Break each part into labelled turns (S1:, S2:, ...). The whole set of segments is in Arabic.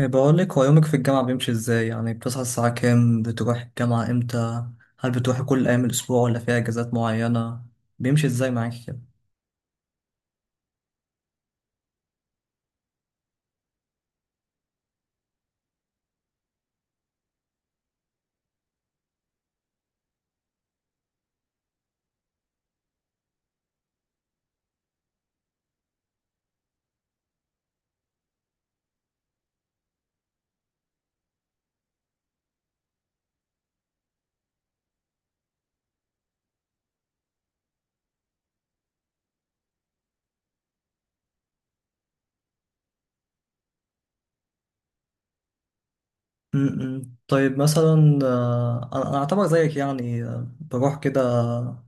S1: بقول لك، هو يومك في الجامعة بيمشي ازاي؟ يعني بتصحى الساعة كام؟ بتروح الجامعة امتى؟ هل بتروحي كل أيام الأسبوع ولا في أجازات معينة؟ بيمشي ازاي معاكي كده؟ م- م. طيب مثلا أنا أعتبر زيك، يعني بروح كده.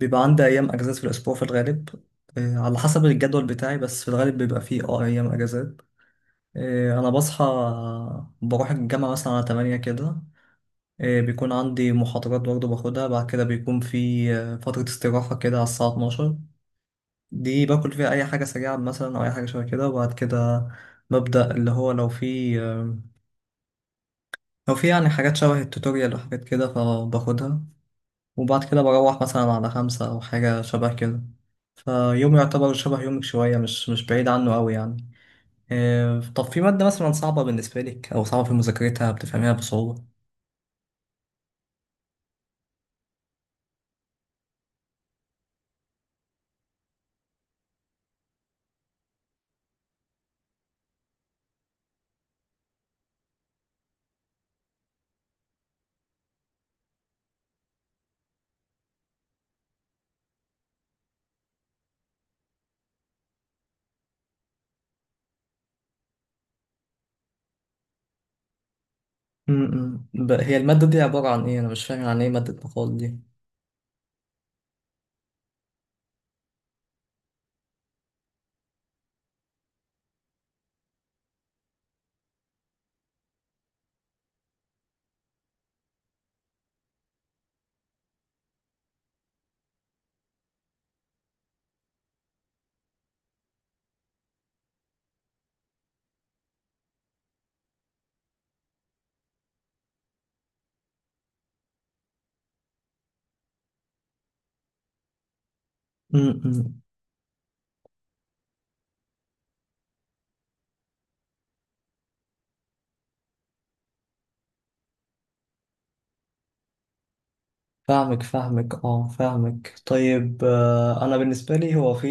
S1: بيبقى عندي أيام أجازات في الأسبوع في الغالب. على حسب الجدول بتاعي، بس في الغالب بيبقى فيه أيام أجازات. أنا بصحى، بروح الجامعة مثلا على تمانية كده. بيكون عندي محاضرات برضه باخدها، بعد كده بيكون في فترة استراحة كده على الساعة 12. دي باكل فيها أي حاجة سريعة مثلا، أو أي حاجة شبه كده. وبعد كده ببدأ اللي هو لو في يعني حاجات شبه التوتوريال وحاجات كده فباخدها. وبعد كده بروح مثلا على خمسة أو حاجة شبه كده. فيوم يعتبر شبه يومك شوية، مش بعيد عنه أوي يعني. طب في مادة مثلا صعبة بالنسبة لك، أو صعبة في مذاكرتها بتفهميها بصعوبة؟ هي المادة دي عبارة عن ايه؟ انا مش فاهم يعني ايه مادة مقال دي. امم فاهمك، فاهمك، فاهمك. طيب انا بالنسبة لي، هو في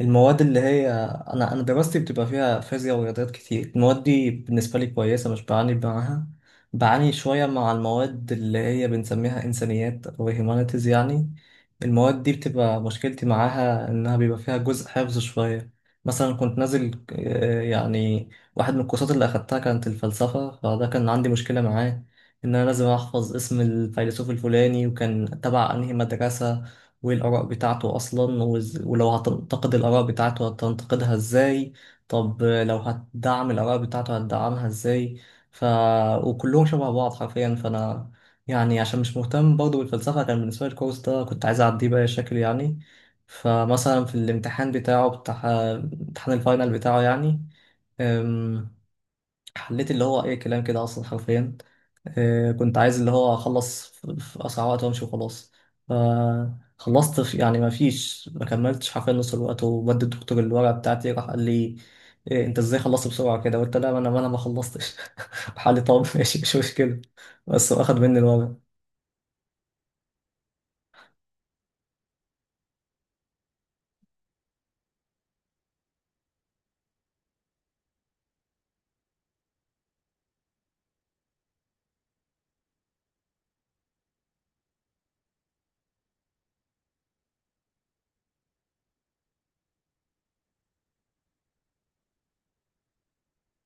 S1: المواد اللي هي، انا دراستي بتبقى فيها فيزياء ورياضيات كتير. المواد دي بالنسبه لي كويسه، مش بعاني معاها. بعاني شويه مع المواد اللي هي بنسميها انسانيات او هيومانيتيز يعني. المواد دي بتبقى مشكلتي معاها انها بيبقى فيها جزء حفظ شويه. مثلا كنت نازل يعني واحد من الكورسات اللي اخدتها كانت الفلسفه، فده كان عندي مشكله معاه. ان انا لازم احفظ اسم الفيلسوف الفلاني، وكان تبع انهي مدرسه، وايه الآراء بتاعته أصلا. ولو هتنتقد الآراء بتاعته هتنتقدها ازاي؟ طب لو هتدعم الآراء بتاعته هتدعمها ازاي؟ ف وكلهم شبه بعض حرفيا. فأنا يعني عشان مش مهتم برضه بالفلسفة، كان بالنسبة لي الكورس ده كنت عايز أعديه بأي شكل يعني. فمثلا في الامتحان بتاع امتحان الفاينل بتاعه يعني، حليت اللي هو اي كلام كده اصلا حرفيا. كنت عايز اللي هو اخلص في اسرع وقت وامشي وخلاص. فخلصت في، يعني ما كملتش حرفيا نص الوقت، وبدي الدكتور الورقه بتاعتي. راح قال لي: إيه انت ازاي خلصت بسرعه كده؟ قلت: لا، ما انا ما خلصتش. راح قال لي: طب ماشي مش مشكله، بس هو اخد مني الورقه.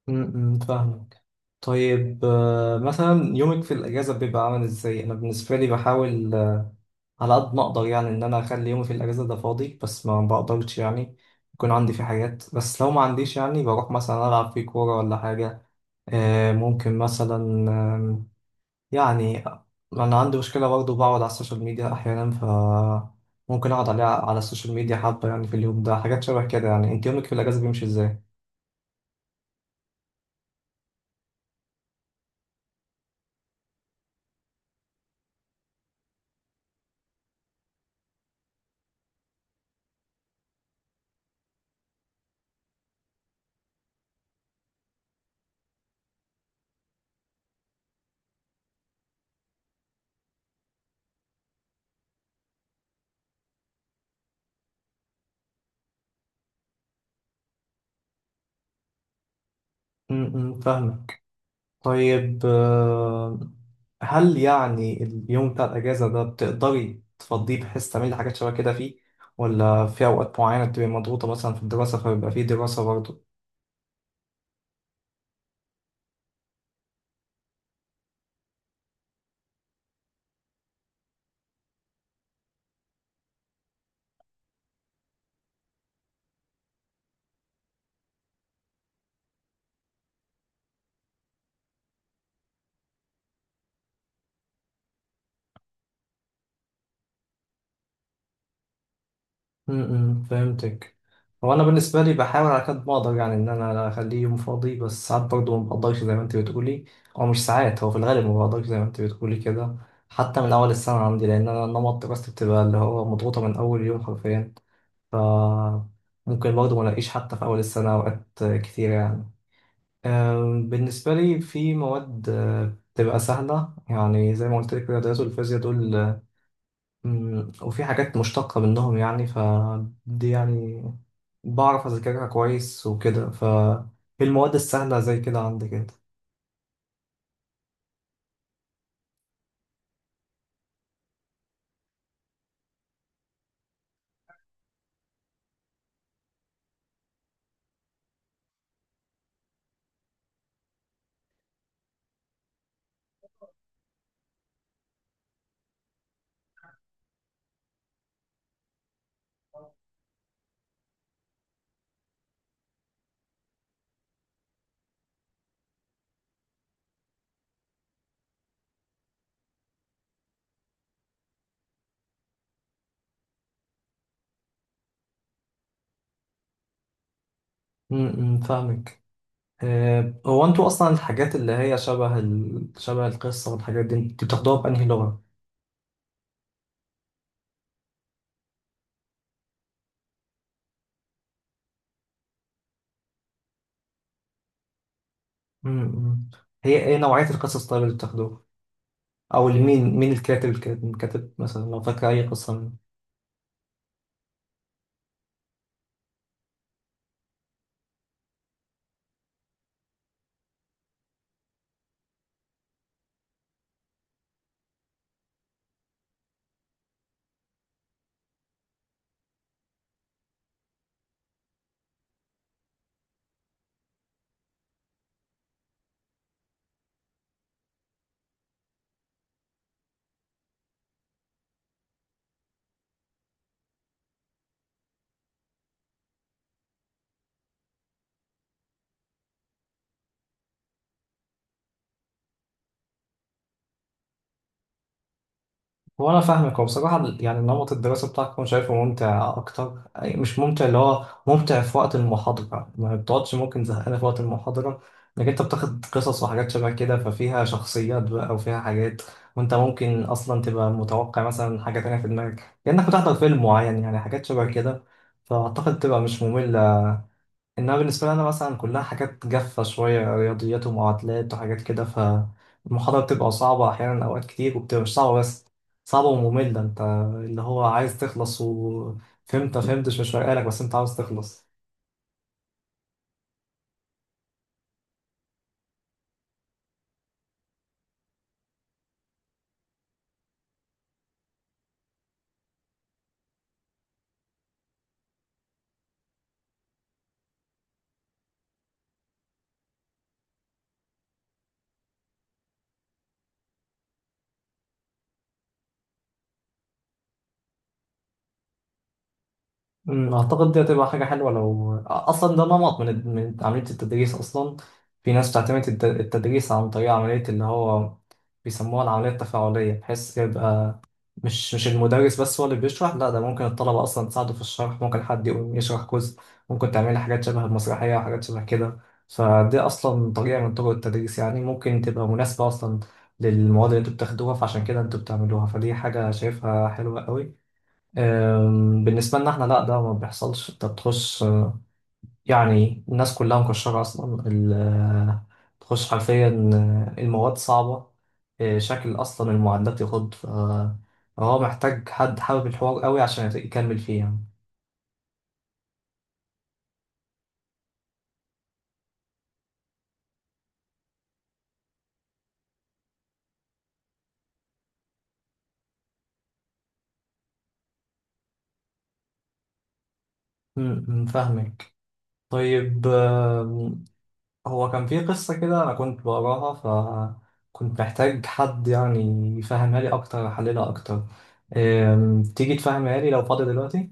S1: فاهمك. طيب مثلا يومك في الأجازة بيبقى عامل إزاي؟ أنا بالنسبة لي بحاول على قد ما اقدر يعني ان انا اخلي يومي في الاجازه ده فاضي، بس ما بقدرش يعني يكون عندي في حاجات. بس لو ما عنديش يعني بروح مثلا العب في كوره ولا حاجه. ممكن مثلا آم، يعني انا عندي مشكله برضه بقعد على السوشيال ميديا احيانا. ممكن اقعد عليها على السوشيال ميديا حبه يعني في اليوم ده، حاجات شبه كده. يعني انت يومك في الاجازه بيمشي ازاي؟ فاهمه. طيب هل يعني اليوم بتاع الأجازة ده بتقدري تفضيه بحيث تعملي حاجات شبه كده فيه، ولا في أوقات معينة بتبقي مضغوطة مثلا في الدراسة فبيبقى فيه دراسة برضه؟ فهمتك. هو أنا بالنسبة لي بحاول على قد ما أقدر يعني إن أنا أخليه يوم فاضي، بس ساعات برضه ما بقدرش زي ما أنت بتقولي. أو مش ساعات، هو في الغالب ما بقدرش زي ما أنت بتقولي كده، حتى من أول السنة عندي، لأن أنا نمط دراستي بتبقى اللي هو مضغوطة من أول يوم حرفيا. ف ممكن برضه ما الاقيش حتى في اول السنه اوقات كتير يعني. بالنسبه لي في مواد بتبقى سهله، يعني زي ما قلت لك الرياضيات والفيزياء دول، وفي حاجات مشتقه منهم يعني، فدي يعني بعرف اذاكرها كويس وكده. المواد السهله زي كده عندي كده. م. فاهمك. هو انتوا اصلا الحاجات اللي هي شبه القصه والحاجات دي، انتوا بتاخدوها بانهي لغه؟ م. هي ايه نوعيه القصص طيب اللي بتاخدوها؟ او مين الكاتب كاتب مثلا، لو فاكر اي قصه منه. هو انا فاهمك. هو بصراحه يعني نمط الدراسه بتاعك انا شايفه ممتع اكتر، مش ممتع، اللي هو ممتع في وقت المحاضره، ما بتقعدش ممكن زهقانه في وقت المحاضره، انك انت بتاخد قصص وحاجات شبه كده، ففيها شخصيات بقى وفيها حاجات، وانت ممكن اصلا تبقى متوقع مثلا حاجه تانية في دماغك، كانك بتحضر فيلم معين يعني، حاجات شبه كده. فاعتقد تبقى مش ممله. انها بالنسبه لي انا مثلا، كلها حاجات جافه شويه، رياضيات ومعادلات وحاجات كده، فالمحاضره بتبقى صعبه احيانا اوقات كتير، وبتبقى مش صعبه بس، صعبه وممله. انت اللي هو عايز تخلص، وفهمت فهمتش مش فارقه لك، بس انت عاوز تخلص. اعتقد دي هتبقى حاجه حلوه لو اصلا ده نمط من عمليه التدريس اصلا. في ناس بتعتمد التدريس عن طريق عمليه اللي هو بيسموها العملية التفاعلية، بحيث يبقى مش المدرس بس هو اللي بيشرح، لا ده ممكن الطلبة أصلا تساعده في الشرح، ممكن حد يقوم يشرح جزء، ممكن تعملي حاجات شبه المسرحية وحاجات شبه كده. فدي أصلا طريقة من طرق التدريس يعني، ممكن تبقى مناسبة أصلا للمواد اللي انتوا بتاخدوها، فعشان كده انتوا بتعملوها، فدي حاجة شايفها حلوة قوي. بالنسبة لنا احنا لا، ده ما بيحصلش. انت بتخش يعني الناس كلها مكشرة أصلا. تخش حرفيا، المواد صعبة، شكل أصلا المعدات يخض. فهو محتاج حد حابب الحوار قوي عشان يكمل فيه يعني. م. فاهمك. طيب هو كان في قصة كده أنا كنت بقراها، فكنت محتاج حد يعني يفهمها لي أكتر، يحللها أكتر. تيجي تفهمها لي لو فاضي دلوقتي؟